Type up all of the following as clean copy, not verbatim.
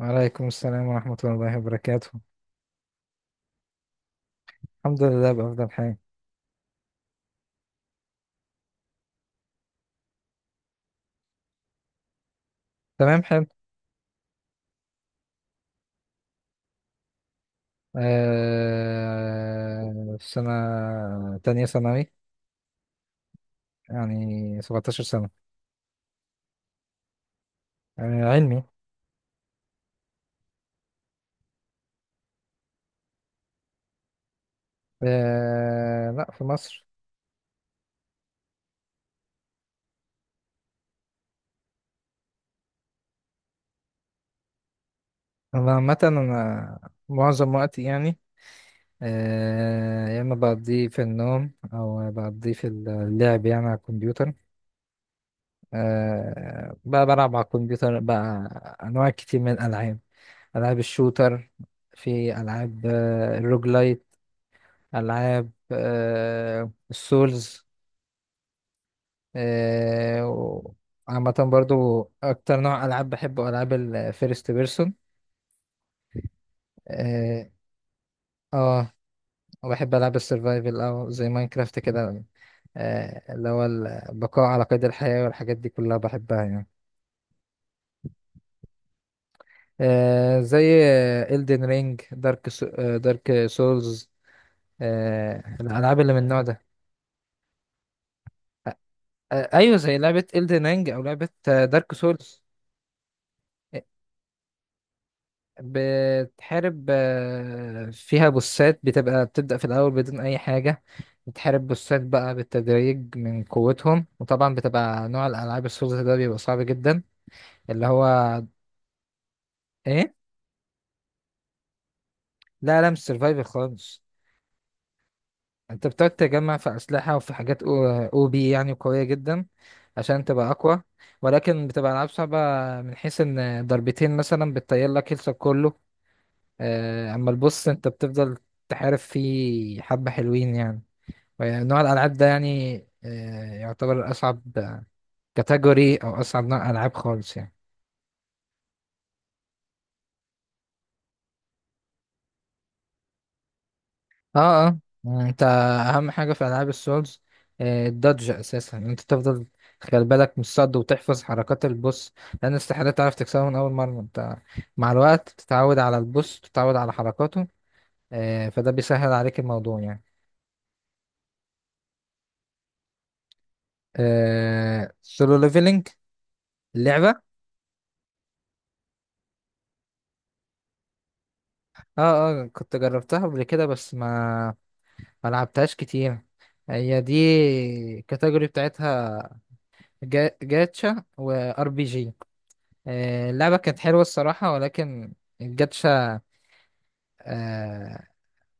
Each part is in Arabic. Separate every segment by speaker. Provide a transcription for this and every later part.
Speaker 1: وعليكم السلام ورحمة الله وبركاته. الحمد لله بأفضل حال. تمام، حلو. سنة تانية ثانوي، يعني 17 سنة. آه، علمي. آه، لا، في مصر. أنا عامة، معظم وقتي يعني يا إما بقضيه في النوم أو بقضيه في اللعب يعني على الكمبيوتر. بقى بلعب على الكمبيوتر بقى أنواع كتير من الألعاب. ألعاب الشوتر، في ألعاب الروج لايت، ألعاب السولز، آه، و- عامة برضو أكتر نوع ألعاب بحبه ألعاب الفيرست بيرسون. اه. آه، وبحب ألعاب السرفايفل أو زي ماينكرافت كده. اللي هو البقاء على قيد الحياة والحاجات دي كلها بحبها يعني. زي إلدن رينج، دارك سولز. الألعاب اللي من النوع ده. آه، ايوه، زي لعبة Elden Ring او لعبة دارك سولز. بتحارب فيها بوسات، بتبقى بتبدأ في الأول بدون أي حاجة. بتحارب بوسات بقى بالتدريج من قوتهم، وطبعا بتبقى نوع الألعاب السولز ده بيبقى صعب جدا. اللي هو إيه؟ لا، لا، مش سرفايفل خالص. أنت بتقعد تجمع في أسلحة وفي حاجات أو يعني قوية جدا، عشان تبقى أقوى. ولكن بتبقى ألعاب صعبة، من حيث إن ضربتين مثلا بتطير لك هيلثك كله. اما البص انت بتفضل تحارب فيه حبة حلوين يعني. نوع الالعاب ده يعني يعتبر اصعب كاتيجوري او اصعب نوع العاب خالص يعني. اه، اه. انت اهم حاجة في العاب السولز الدodge اساسا. انت تفضل تخلي بالك من الصد وتحفظ حركات البوس، لان استحالة تعرف تكسبه من اول مرة. انت مع الوقت تتعود على البوس، تتعود على حركاته. فده بيسهل عليك الموضوع يعني. آه، سولو ليفلنج، اللعبة. اه، اه، كنت جربتها قبل كده بس ما لعبتهاش كتير. هي دي الكاتيجوري بتاعتها، جاتشا وار بي جي. اللعبة كانت حلوة الصراحة، ولكن الجاتشا آه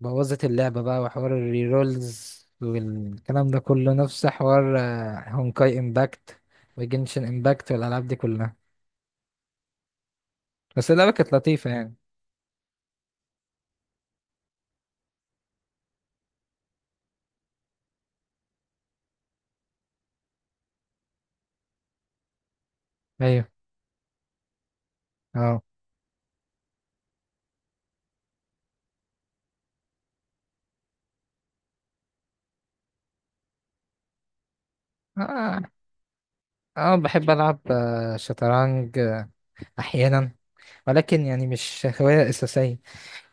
Speaker 1: بوظت اللعبة بقى، وحوار الريرولز والكلام ده كله نفس حوار هونكاي امباكت وجنشن امباكت والألعاب دي كلها. بس اللعبة كانت لطيفة يعني. ايوه. اه، اه. بحب ألعب شطرنج احيانا. ولكن يعني مش هواية أساسية،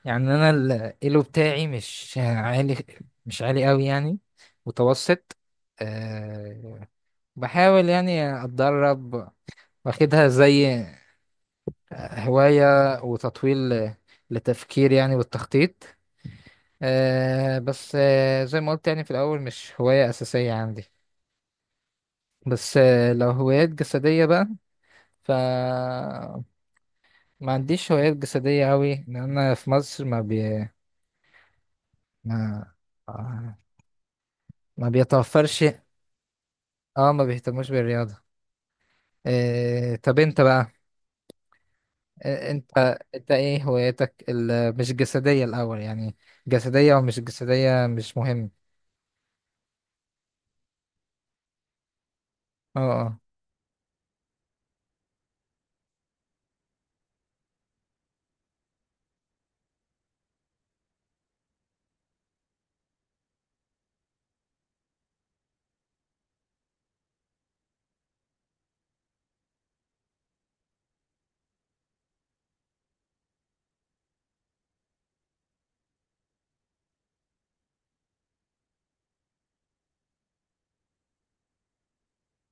Speaker 1: يعني أنا الإيلو بتاعي مش عالي، مش عالي أوي يعني، متوسط. أه بحاول يعني أتدرب، واخدها زي هواية، وتطويل لتفكير يعني والتخطيط. بس زي ما قلت، يعني في الأول مش هواية أساسية عندي. بس لو هوايات جسدية بقى، ف ما عنديش هوايات جسدية أوي، لأن أنا في مصر ما ما بيتوفرش. اه، ما بيهتموش بالرياضة. إيه؟ طب انت بقى، إيه انت، انت ايه هواياتك مش الجسدية الاول يعني، جسدية ومش جسدية مش مهم. اه، اه.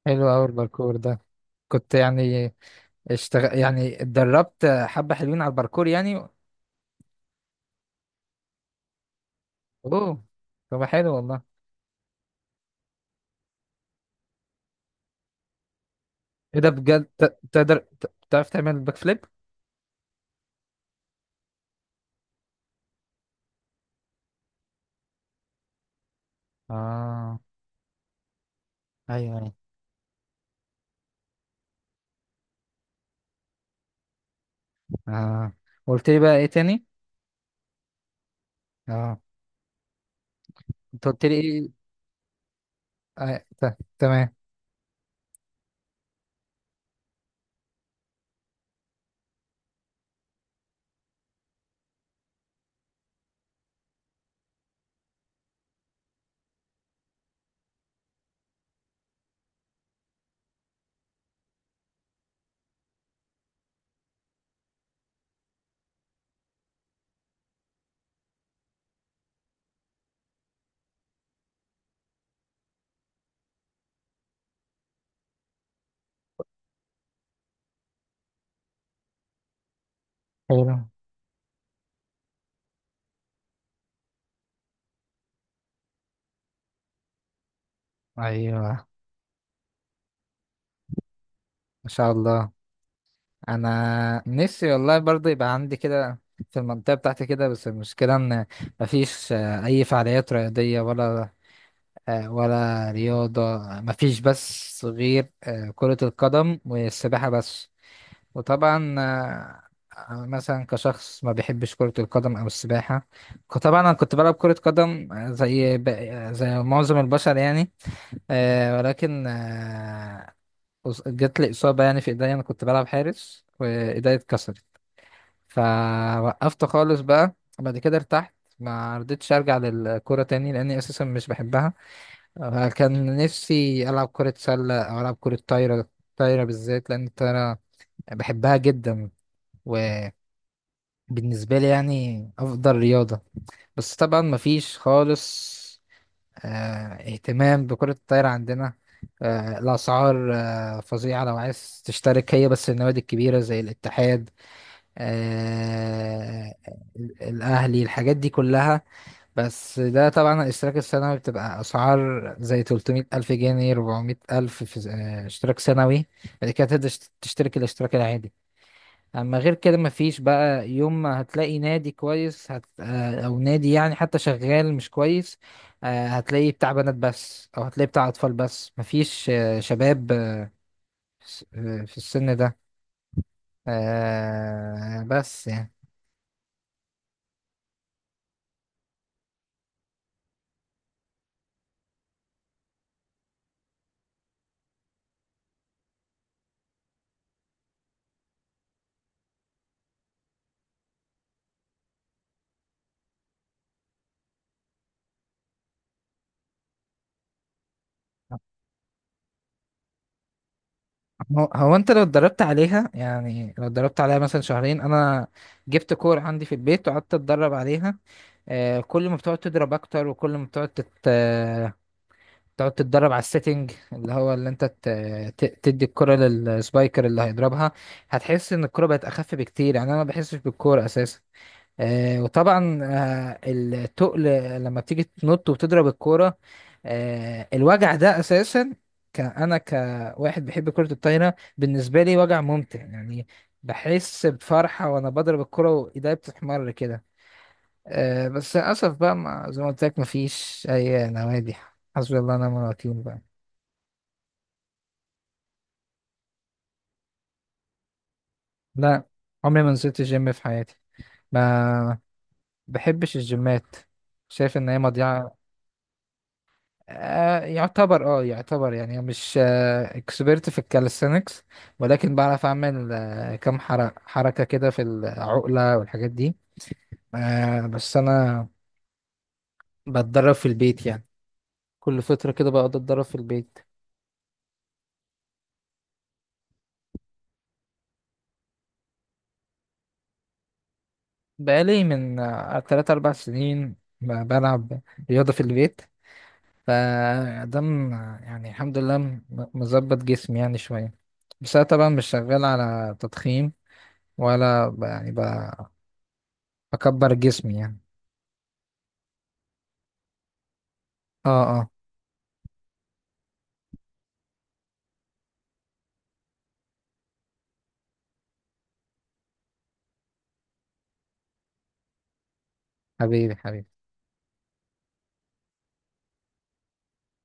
Speaker 1: حلو اوي الباركور ده. كنت يعني اشتغل يعني، اتدربت حبة حلوين على الباركور يعني. اوه، طب حلو والله. ايه ده، بجد تعرف تعمل باك فليب؟ اه. ايوه، ايوه. اه، قلت لي بقى ايه تاني؟ اه، انت قلت لي ايه؟ آه. تمام، حلو. ايوه، ما شاء الله. انا نفسي والله برضه يبقى عندي كده في المنطقه بتاعتي كده، بس المشكله ان مفيش اي فعاليات رياضيه، ولا ولا رياضه. مفيش بس غير كره القدم والسباحه بس. وطبعا أنا مثلا كشخص ما بيحبش كره القدم او السباحه. طبعا انا كنت بلعب كره قدم زي معظم البشر يعني. ولكن جات لي إصابة يعني في إيديا. أنا كنت بلعب حارس وإيديا اتكسرت، فوقفت خالص بقى. بعد كده ارتحت، ما رضيتش أرجع للكورة تاني، لأني أساسا مش بحبها. كان نفسي ألعب كرة سلة أو ألعب كرة طايرة. طايرة بالذات، لأن الطايرة بحبها جدا، وبالنسبة لي يعني أفضل رياضة. بس طبعا مفيش خالص آه، اهتمام بكرة الطايرة عندنا. الأسعار فظيعة لو عايز تشترك. هي بس النوادي الكبيرة زي الاتحاد، آه، الأهلي، الحاجات دي كلها. بس ده طبعا الاشتراك السنوي بتبقى أسعار زي 300 ألف جنيه، 400 ألف في اشتراك سنوي. بعد كده تقدر تشترك الاشتراك العادي. اما غير كده مفيش بقى. يوم ما هتلاقي نادي كويس هت... آه، او نادي يعني، حتى شغال مش كويس، هتلاقي بتاع بنات بس، او هتلاقي بتاع اطفال بس. مفيش شباب في السن ده بس يعني. هو انت لو اتدربت عليها، يعني لو اتدربت عليها مثلا شهرين، انا جبت كور عندي في البيت وقعدت اتدرب عليها. كل ما بتقعد تضرب اكتر، وكل ما بتقعد تقعد تتدرب على السيتنج، اللي هو اللي انت تدي الكرة للسبايكر اللي هيضربها، هتحس ان الكرة بقت اخف بكتير يعني. انا ما بحسش بالكرة اساسا. وطبعا التقل، لما بتيجي تنط وتضرب الكرة، الوجع ده اساسا، انا كواحد بيحب كرة الطايرة بالنسبة لي وجع ممتع يعني. بحس بفرحة وانا بضرب الكرة وايدي بتحمر كده. بس للاسف بقى، ما زي ما قلت لك مفيش اي نوادي. حسبي الله ونعم الوكيل بقى. لا، عمري ما نزلت الجيم في حياتي. ما بحبش الجيمات، شايف ان هي مضيعة. يعتبر يعني مش اكسبرت في الكاليستينكس، ولكن بعرف اعمل كم حركة كده في العقلة والحاجات دي. بس انا بتدرب في البيت يعني، كل فترة كده بقعد اتدرب في البيت. بقالي من 3 4 سنين بلعب رياضة في البيت، فده م- يعني الحمد لله مظبط جسمي يعني شوية. بس أنا طبعا مش شغال على تضخيم، ولا بكبر جسمي يعني. اه، اه. حبيبي حبيبي.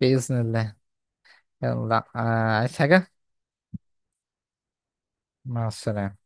Speaker 1: بإذن الله. يلا، عايز حاجة؟ مع السلامة.